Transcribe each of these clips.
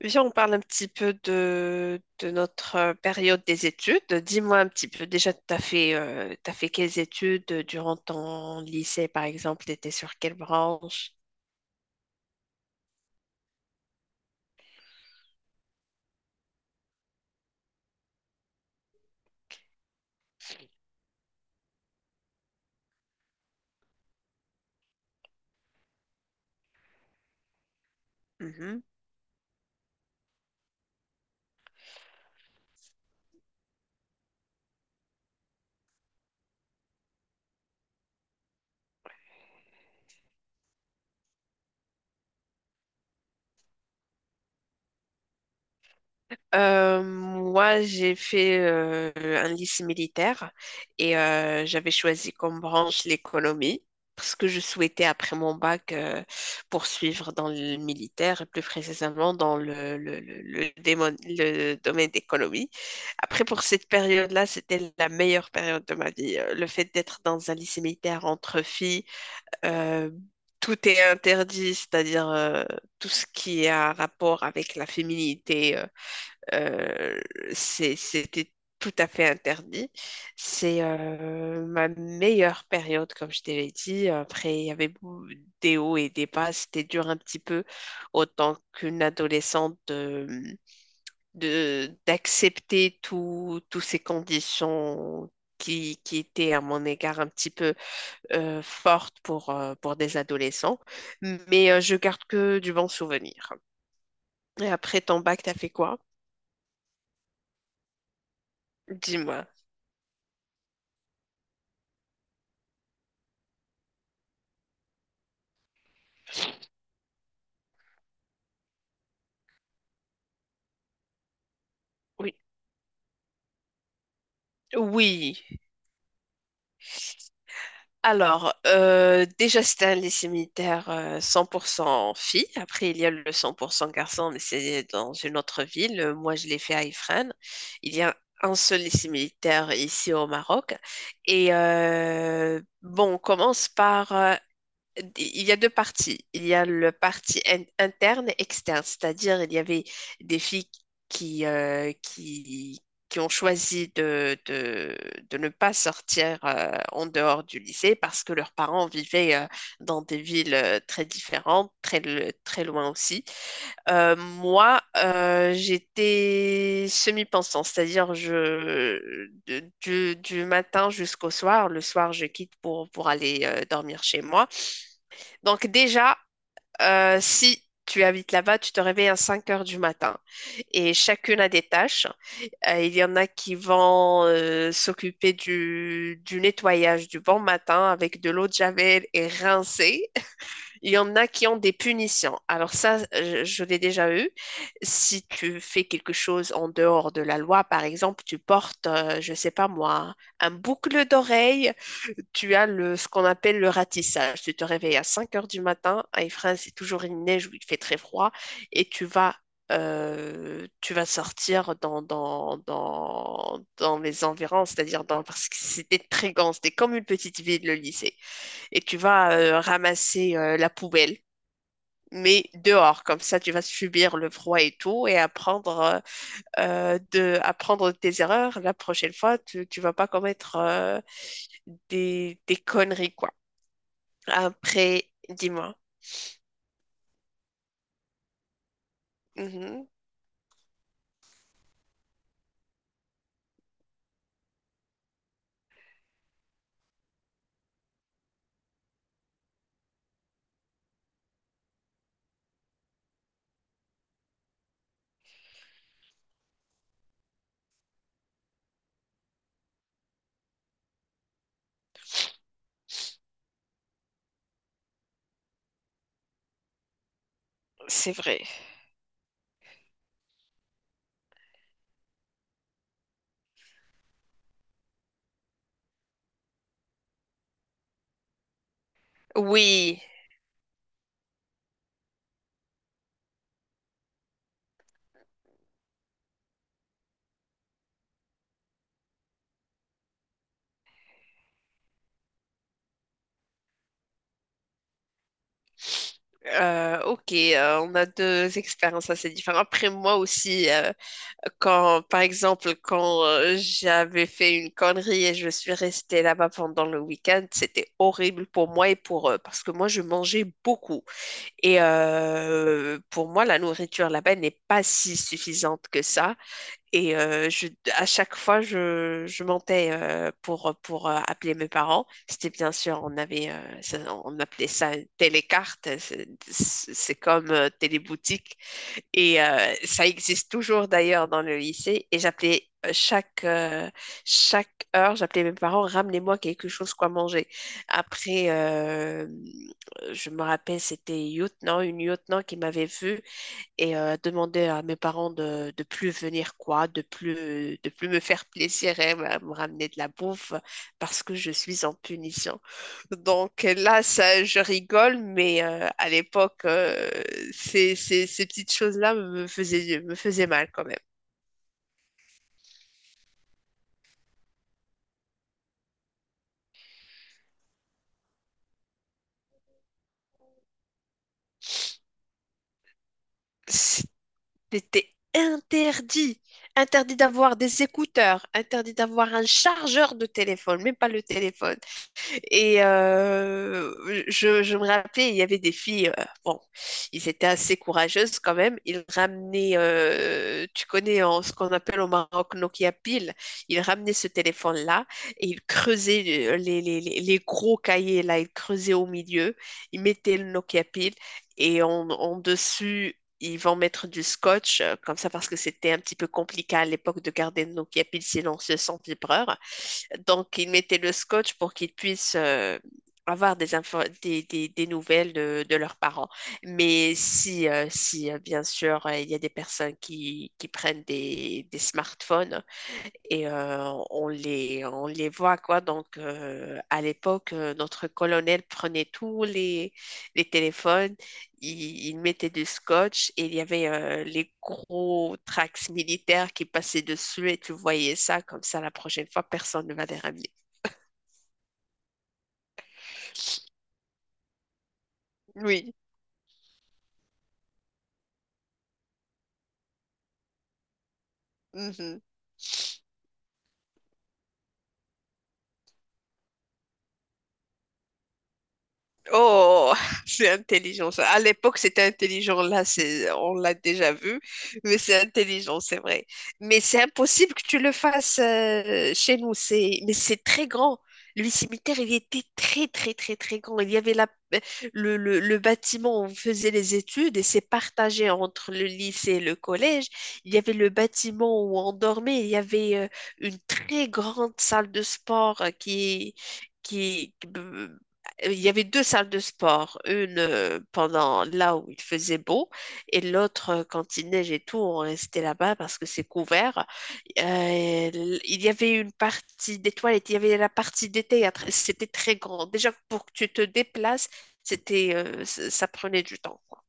Viens, on parle un petit peu de notre période des études. Dis-moi un petit peu, déjà, t'as fait quelles études durant ton lycée, par exemple, tu étais sur quelle branche? Moi, j'ai fait un lycée militaire et j'avais choisi comme branche l'économie parce que je souhaitais, après mon bac, poursuivre dans le militaire et plus précisément dans le domaine d'économie. Après, pour cette période-là, c'était la meilleure période de ma vie. Le fait d'être dans un lycée militaire entre filles, euh, tout est interdit, c'est-à-dire tout ce qui a rapport avec la féminité, euh, c'était tout à fait interdit. C'est ma meilleure période, comme je te l'ai dit. Après, il y avait des hauts et des bas. C'était dur un petit peu, autant qu'une adolescente, d'accepter tout, toutes ces conditions. Qui étaient, à mon égard, un petit peu fortes pour des adolescents, mais je garde que du bon souvenir. Et après ton bac, t'as fait quoi? Dis-moi. Oui. Oui, alors déjà c'était un lycée militaire 100% filles. Après il y a le 100% garçons, mais c'est dans une autre ville. Moi je l'ai fait à Ifrane. Il y a un seul lycée militaire ici au Maroc. Et bon, on commence par il y a deux parties. Il y a le interne et externe, c'est-à-dire il y avait des filles qui, qui ont choisi de ne pas sortir en dehors du lycée parce que leurs parents vivaient dans des villes très différentes, très loin aussi. J'étais semi-pensant, c'est-à-dire du matin jusqu'au soir. Le soir, je quitte pour aller dormir chez moi. Donc déjà, si tu habites là-bas, tu te réveilles à 5 heures du matin et chacune a des tâches. Il y en a qui vont s'occuper du nettoyage du bon matin avec de l'eau de javel et rincer. Il y en a qui ont des punitions. Alors ça, je l'ai déjà eu. Si tu fais quelque chose en dehors de la loi, par exemple, tu portes, je sais pas moi, un boucle d'oreille, tu as le, ce qu'on appelle le ratissage. Tu te réveilles à 5 heures du matin, à Ifrane, c'est toujours une neige où il fait très froid, et tu vas sortir dans les environs, c'est-à-dire dans, parce que c'était très grand, c'était comme une petite ville, le lycée. Et tu vas ramasser la poubelle. Mais dehors, comme ça, tu vas subir le froid et tout, et apprendre, apprendre de tes erreurs. La prochaine fois, tu vas pas commettre des conneries, quoi. Après, dis-moi. Mhm, c'est vrai. Oui. Ok, on a deux expériences assez différentes. Après, moi aussi, par exemple, quand j'avais fait une connerie et je suis restée là-bas pendant le week-end, c'était horrible pour moi et pour eux, parce que moi, je mangeais beaucoup. Et pour moi, la nourriture là-bas n'est pas si suffisante que ça. Et euh, je, à chaque fois, je mentais pour appeler mes parents. C'était bien sûr, on avait, on appelait ça une télécarte. C'est comme téléboutique. Et ça existe toujours d'ailleurs dans le lycée. Et j'appelais chaque heure, j'appelais mes parents, ramenez-moi quelque chose quoi manger. Après, je me rappelle, c'était lieutenant, une lieutenant qui m'avait vue et demander à mes parents de plus venir quoi, de plus me faire plaisir et me ramener de la bouffe parce que je suis en punition. Donc là, ça, je rigole, mais à l'époque, ces petites choses-là me faisaient mal quand même. C'était interdit. Interdit d'avoir des écouteurs, interdit d'avoir un chargeur de téléphone, même pas le téléphone. Et je me rappelais, il y avait des filles, bon, ils étaient assez courageuses quand même. Ils ramenaient, tu connais en, ce qu'on appelle au Maroc Nokia Pile, ils ramenaient ce téléphone-là et ils creusaient les gros cahiers là, ils creusaient au milieu, ils mettaient le Nokia Pile et en, en dessus. Ils vont mettre du scotch, comme ça, parce que c'était un petit peu compliqué à l'époque de garder le Nokia Pile sinon on se sent vibreur. Donc, il mettait le scotch pour qu'ils puissent avoir des, info- des nouvelles de leurs parents. Mais si bien sûr, il y a des personnes qui prennent des smartphones, et on les voit, quoi. Donc, à l'époque, notre colonel prenait les téléphones, il mettait du scotch et il y avait les gros tracts militaires qui passaient dessus et tu voyais ça, comme ça, la prochaine fois, personne ne va les ramener. Oui. Mhm. Oh, c'est intelligent ça. À l'époque, c'était intelligent. Là, c'est, on l'a déjà vu, mais c'est intelligent, c'est vrai. Mais c'est impossible que tu le fasses chez nous. C'est, mais c'est très grand. Le cimetière, il était très, très, très, très grand. Il y avait le bâtiment où on faisait les études et c'est partagé entre le lycée et le collège. Il y avait le bâtiment où on dormait. Il y avait une très grande salle de sport qui Il y avait deux salles de sport, une pendant là où il faisait beau et l'autre quand il neige et tout, on restait là-bas parce que c'est couvert. Euh, il y avait une partie des toilettes, il y avait la partie des théâtres, c'était très grand. Déjà pour que tu te déplaces, c'était, ça prenait du temps, quoi.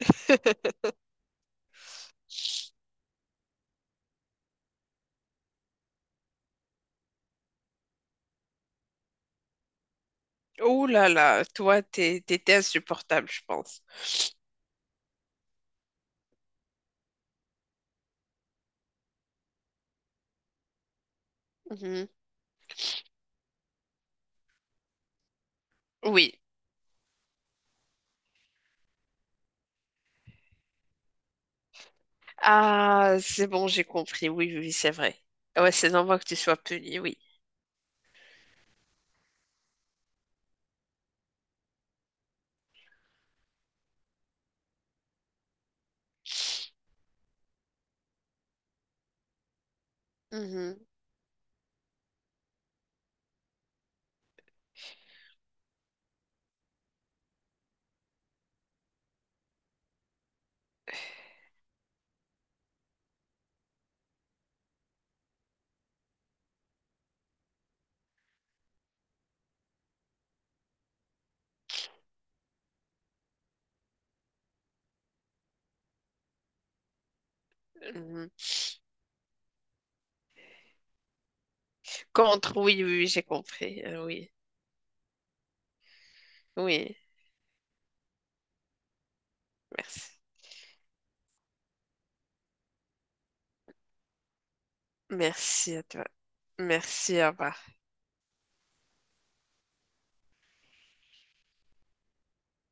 Oh là là, toi, t'étais insupportable, je pense. Mhm. Oui. Ah, c'est bon, j'ai compris. Oui, oui, oui, c'est vrai. Ouais, c'est normal que tu sois puni, oui. Mhm. Mhm. Contre, oui, oui, oui, j'ai compris. Oui, oui, merci. Merci à toi. Merci, à revoir.